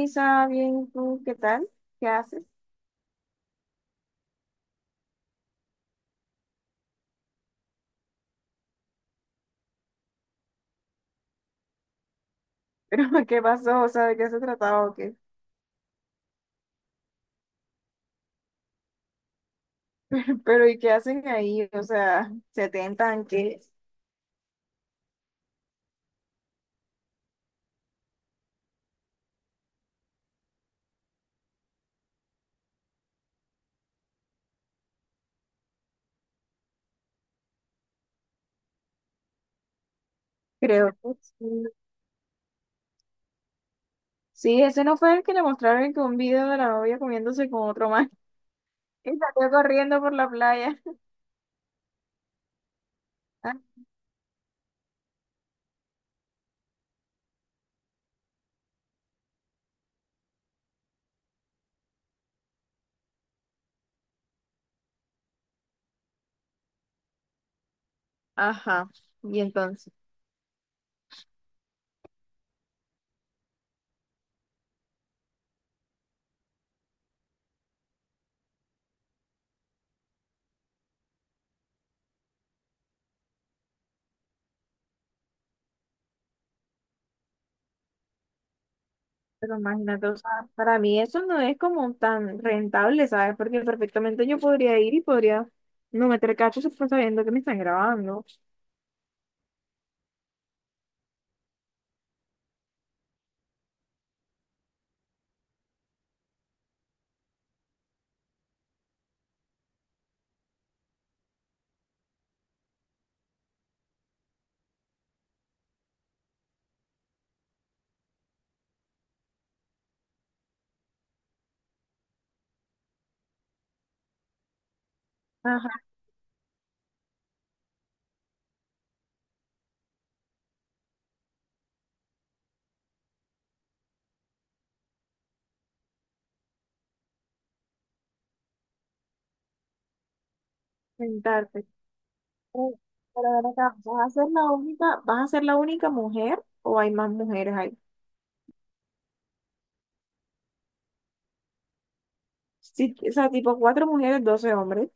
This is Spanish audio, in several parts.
Isa, bien, ¿tú qué tal? ¿Qué haces? ¿Pero qué pasó? O sea, ¿de qué se trataba o qué? Pero ¿y qué hacen ahí? O sea, ¿se tentan qué? Creo que sí. Sí, ese no fue el que le mostraron que un video de la novia comiéndose con otro más. Y salió corriendo por la playa. Ajá, y entonces. Pero imagínate, o sea, para mí eso no es como tan rentable, ¿sabes? Porque perfectamente yo podría ir y podría no meter cachos sabiendo que me están grabando. Ajá, sentarte. Uh, Pero ven acá, ¿vas a ser la única, vas a ser la única mujer o hay más mujeres ahí? Sí, o sea, tipo cuatro mujeres, doce hombres.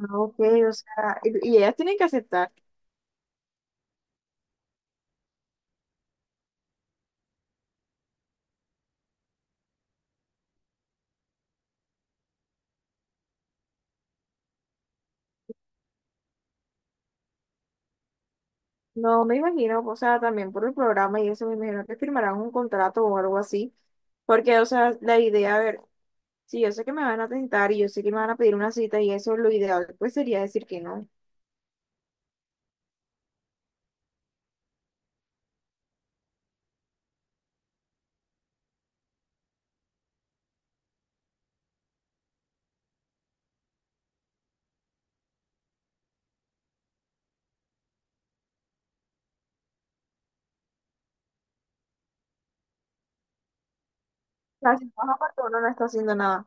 Ah, ok, o sea, y ellas tienen que aceptar. No me imagino, o sea, también por el programa y eso, me imagino que firmarán un contrato o algo así. Porque, o sea, la idea, a ver, si yo sé que me van a tentar y yo sé que me van a pedir una cita y eso, lo ideal, pues sería decir que no. O sea, si no, aparte uno no está haciendo nada.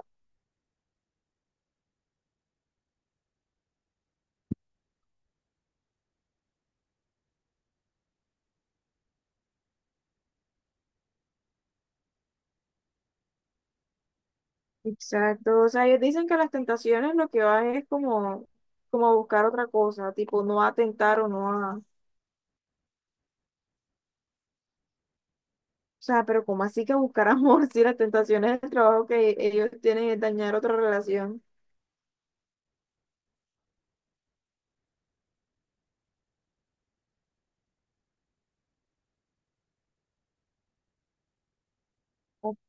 Exacto, o sea, ellos dicen que las tentaciones lo que van es como, como a buscar otra cosa, tipo no a tentar o no a... O sea, pero ¿cómo así que buscar amor si las tentaciones del trabajo que ellos tienen es dañar otra relación? Ok,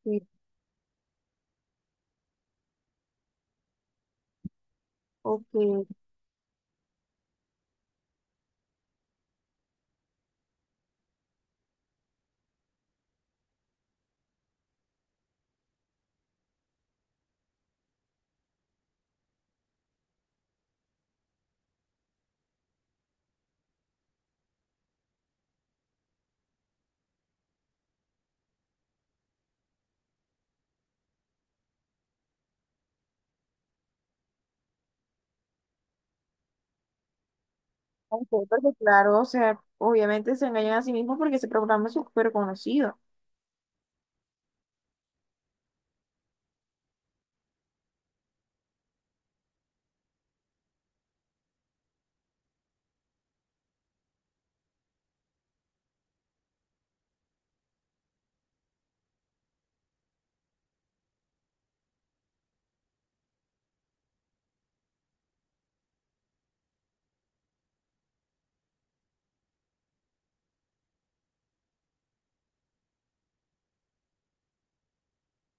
ok, ok, porque claro, o sea, obviamente se engañan a sí mismos porque ese programa es súper conocido.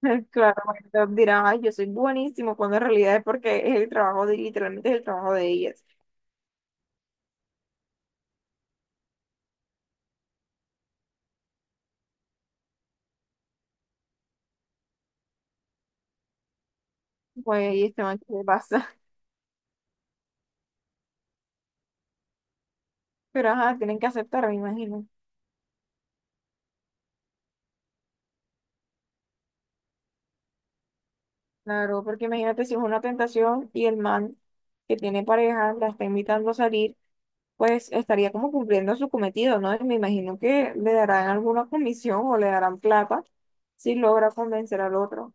Claro, entonces dirán, ay, yo soy buenísimo, cuando en realidad es porque es el trabajo de, literalmente es el trabajo de ellas. Pues, y este man, ¿qué le pasa? Pero ajá, tienen que aceptar, me imagino. Claro, porque imagínate si es una tentación y el man que tiene pareja la está invitando a salir, pues estaría como cumpliendo su cometido, ¿no? Y me imagino que le darán alguna comisión o le darán plata si logra convencer al otro.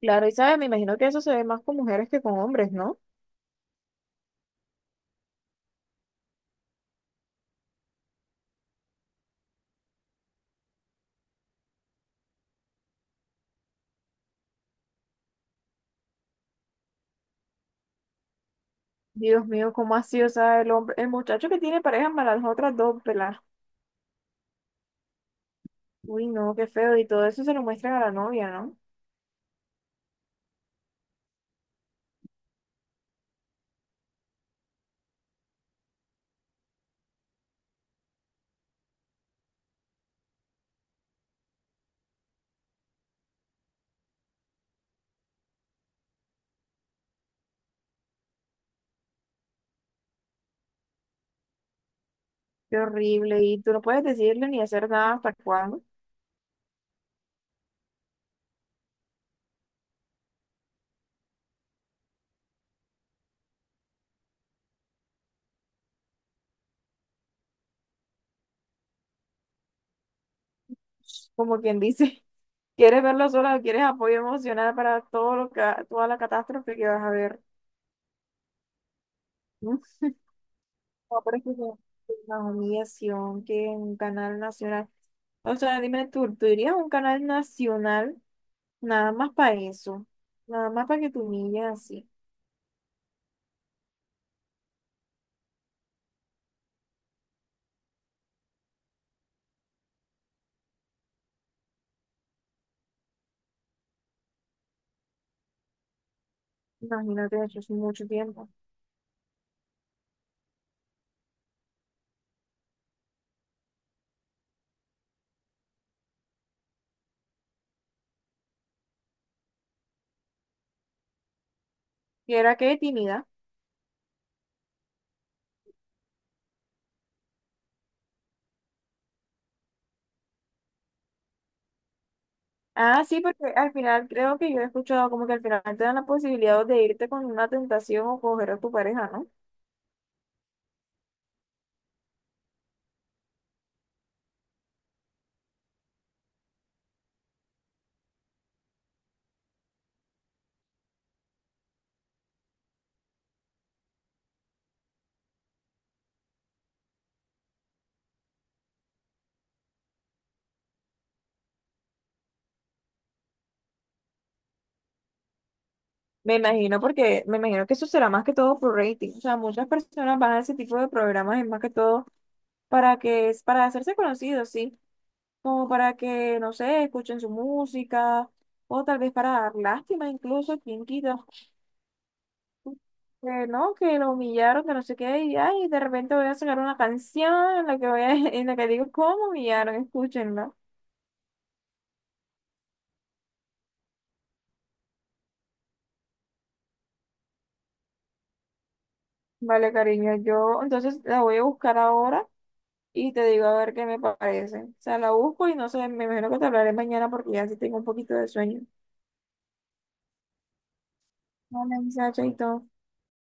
Claro, y sabes, me imagino que eso se ve más con mujeres que con hombres, ¿no? Dios mío, ¿cómo así? O sea, el hombre, el muchacho que tiene pareja para las otras dos pelas. Uy, no, qué feo. Y todo eso se lo muestran a la novia, ¿no? Qué horrible. Y tú no puedes decirle ni hacer nada hasta cuándo, como quien dice. ¿Quieres verlo sola o quieres apoyo emocional para todo lo que, toda la catástrofe que vas a ver? Uf, no, pero es que es una humillación que un canal nacional. O sea, dime tú, ¿tú irías a un canal nacional nada más para eso? Nada más para que te humillen así. Imagínate, eso es mucho tiempo. ¿Y era qué tímida? Ah, sí, porque al final creo que yo he escuchado como que al final te dan la posibilidad de irte con una tentación o coger a tu pareja, ¿no? Me imagino porque me imagino que eso será más que todo por rating. O sea, muchas personas van a ese tipo de programas es más que todo para que es para hacerse conocidos, sí, como para que, no sé, escuchen su música o tal vez para dar lástima incluso, quién quita, que no, que lo humillaron, que no sé qué, y ay, de repente voy a sacar una canción en la que voy a, en la que digo cómo humillaron, escúchenla. Vale, cariño, yo entonces la voy a buscar ahora. Y te digo a ver qué me parece. O sea, la busco y no sé, me imagino que te hablaré mañana porque ya sí tengo un poquito de sueño. Hola, Isa, chaito.